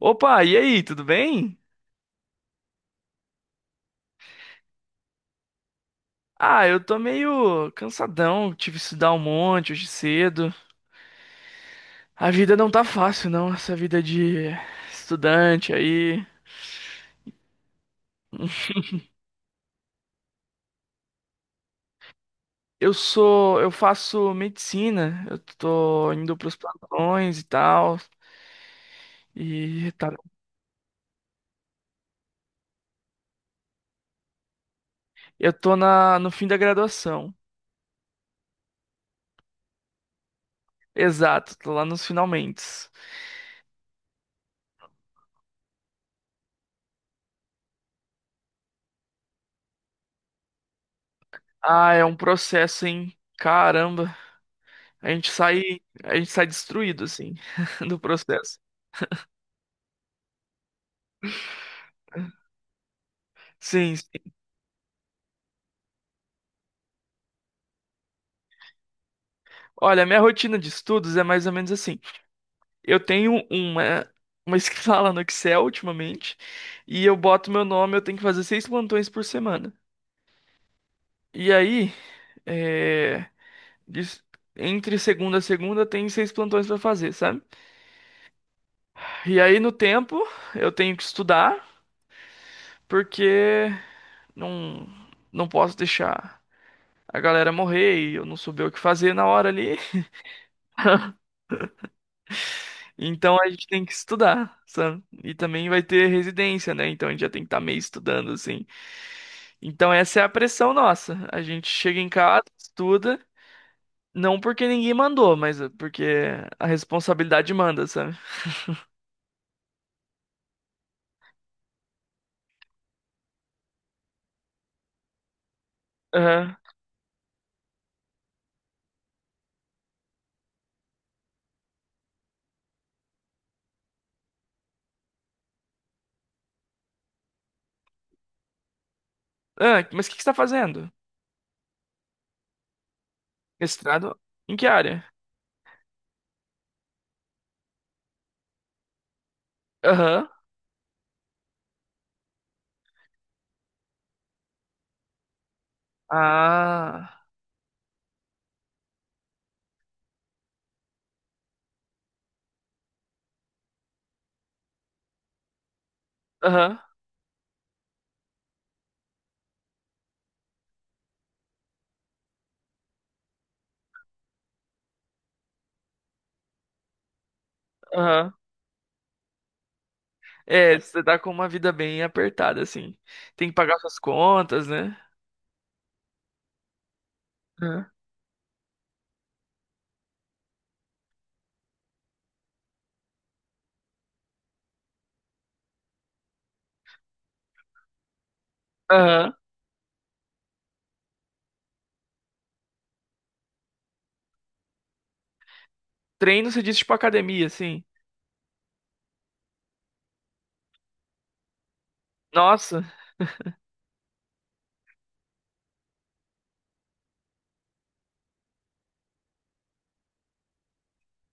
Opa, e aí, tudo bem? Ah, eu tô meio cansadão, tive que estudar um monte hoje cedo. A vida não tá fácil, não, essa vida de estudante aí. Eu faço medicina, eu tô indo pros plantões e tal, e tá, eu tô no fim da graduação. Exato, tô lá nos finalmentes. Ah, é um processo, hein? Caramba, a gente sai, a gente sai destruído, assim, do processo. Sim. Olha, minha rotina de estudos é mais ou menos assim. Eu tenho uma escala no Excel ultimamente e eu boto meu nome, eu tenho que fazer seis plantões por semana. E aí, é, dis- entre segunda a segunda, tem seis plantões pra fazer, sabe? E aí, no tempo, eu tenho que estudar porque não, não posso deixar a galera morrer e eu não souber o que fazer na hora ali. Então a gente tem que estudar, sabe? E também vai ter residência, né? Então a gente já tem que estar meio estudando, assim. Então essa é a pressão nossa. A gente chega em casa, estuda, não porque ninguém mandou, mas é porque a responsabilidade manda, sabe? Aham. Ah, mas o que que você tá fazendo? Mestrado? Em que área? Aham. Ah. Aham. Aham. É, você tá com uma vida bem apertada, assim. Tem que pagar suas contas, né? Aham. Aham. Treino, você disse, tipo academia, assim. Nossa.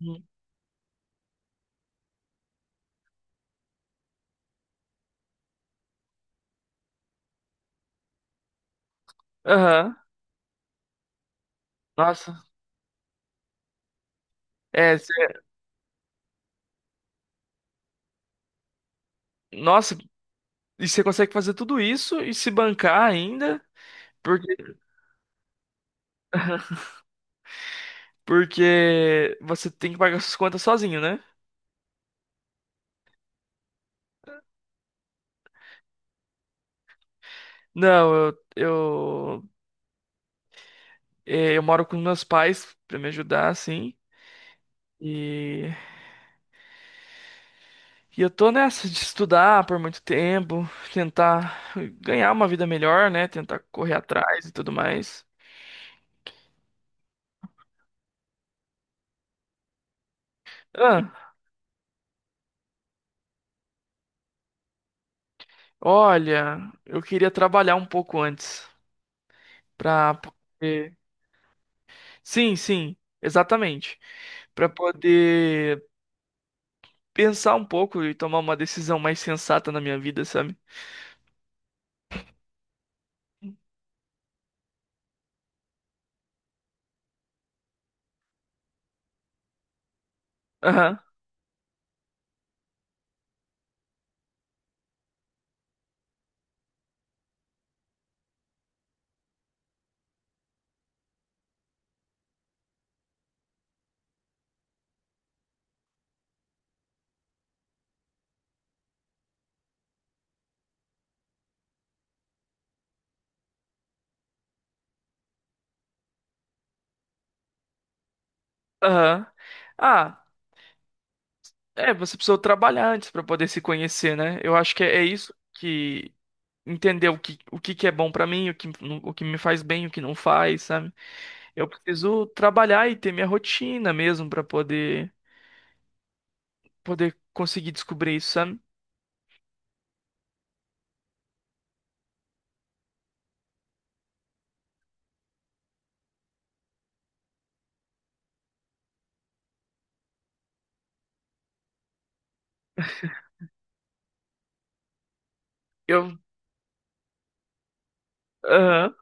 Hum. Aham. Nossa. É, cê- nossa, e você consegue fazer tudo isso e se bancar ainda, porque, porque você tem que pagar suas contas sozinho, né? Não, eu moro com meus pais pra me ajudar, assim. E, e eu tô nessa de estudar por muito tempo, tentar ganhar uma vida melhor, né? Tentar correr atrás e tudo mais. Ah, olha, eu queria trabalhar um pouco antes. Pra, Sim, sim, exatamente. Pra poder pensar um pouco e tomar uma decisão mais sensata na minha vida, sabe? Aham, aham. Ah, é, você precisou trabalhar antes pra poder se conhecer, né? Eu acho que é, isso que entender o que que é bom pra mim, o que me faz bem, o que não faz, sabe? Eu preciso trabalhar e ter minha rotina mesmo pra poder conseguir descobrir isso, sabe? Eu, aham.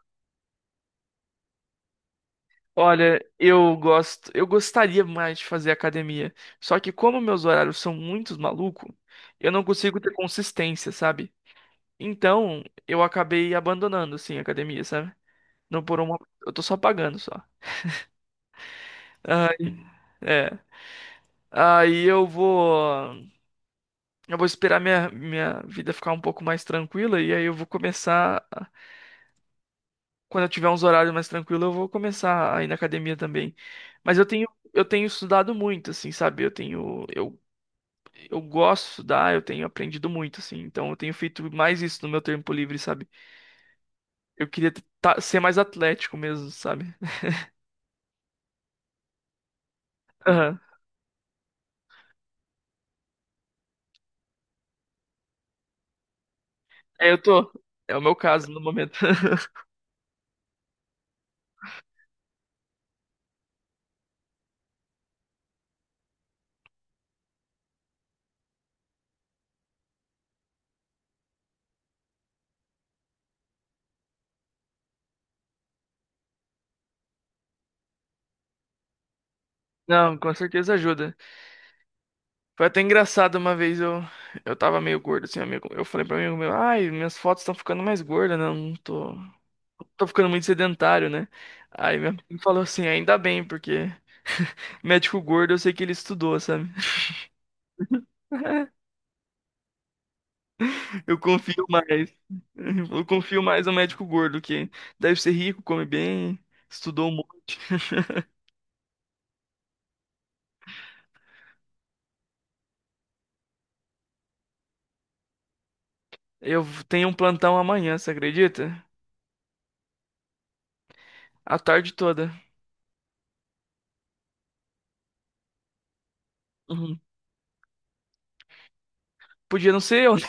Olha, eu gostaria mais de fazer academia. Só que como meus horários são muito malucos, eu não consigo ter consistência, sabe? Então, eu acabei abandonando assim a academia, sabe? Não por uma, eu tô só pagando só. Aí, é. Aí eu vou esperar minha vida ficar um pouco mais tranquila e aí eu vou começar. Quando eu tiver uns horários mais tranquilos, eu vou começar a ir na academia também. Mas eu tenho estudado muito, assim, sabe? Eu gosto de estudar, eu tenho aprendido muito, assim. Então eu tenho feito mais isso no meu tempo livre, sabe? Eu queria ser mais atlético mesmo, sabe? Aham. É, eu tô. É o meu caso no momento. Não, com certeza ajuda. Foi até engraçado uma vez eu tava meio gordo assim, amigo. Eu falei pra um amigo meu, ai, minhas fotos estão ficando mais gordas, né? Eu não tô ficando muito sedentário, né? Aí meu amigo falou assim, ainda bem, porque médico gordo eu sei que ele estudou, sabe? Eu confio mais. Eu confio mais no médico gordo, que deve ser rico, come bem, estudou um monte. Eu tenho um plantão amanhã, você acredita? A tarde toda. Uhum. Podia não ser eu, né?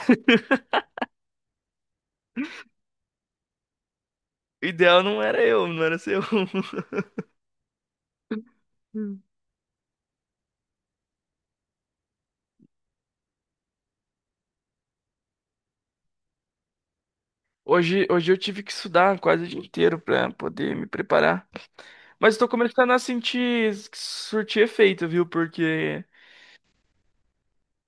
O ideal não era eu, não era ser eu. Hoje eu tive que estudar quase o dia inteiro pra poder me preparar. Mas estou começando a sentir que surtir efeito, viu? Porque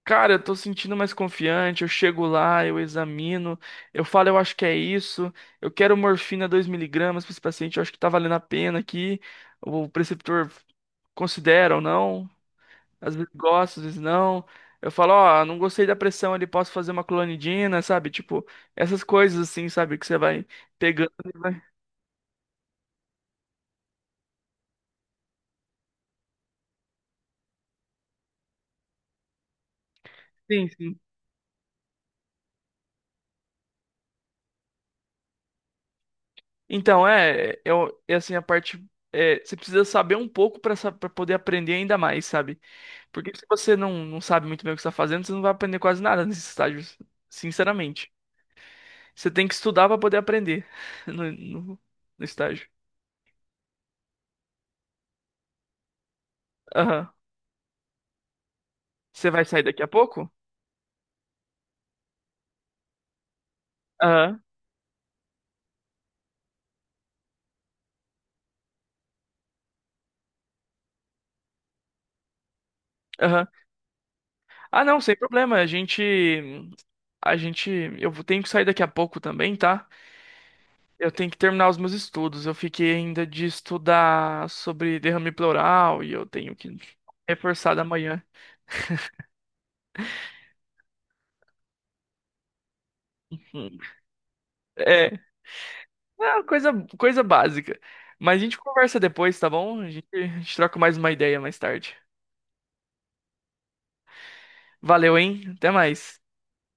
Cara, eu tô sentindo mais confiante. Eu chego lá, eu examino, eu falo, eu acho que é isso. Eu quero morfina 2 mg para esse paciente, eu acho que tá valendo a pena aqui. O preceptor considera ou não, às vezes gosta, às vezes não. Eu falo, ó, não gostei da pressão ali, posso fazer uma clonidina, sabe? Tipo, essas coisas assim, sabe? Que você vai pegando e vai. Sim, sim. Então, é, eu, é assim, a parte. É, você precisa saber um pouco para poder aprender ainda mais, sabe? Porque se você não, não sabe muito bem o que está fazendo, você não vai aprender quase nada nesses estágios, sinceramente. Você tem que estudar para poder aprender no, no, no estágio. Aham. Você vai sair daqui a pouco? Aham. Aham. Ah, não, sem problema. A gente. A gente. Tenho que sair daqui a pouco também, tá? Eu tenho que terminar os meus estudos. Eu fiquei ainda de estudar sobre derrame pleural e eu tenho que reforçar da manhã. Hum. É. Ah, coisa, coisa básica. Mas a gente conversa depois, tá bom? A gente troca mais uma ideia mais tarde. Valeu, hein? Até mais.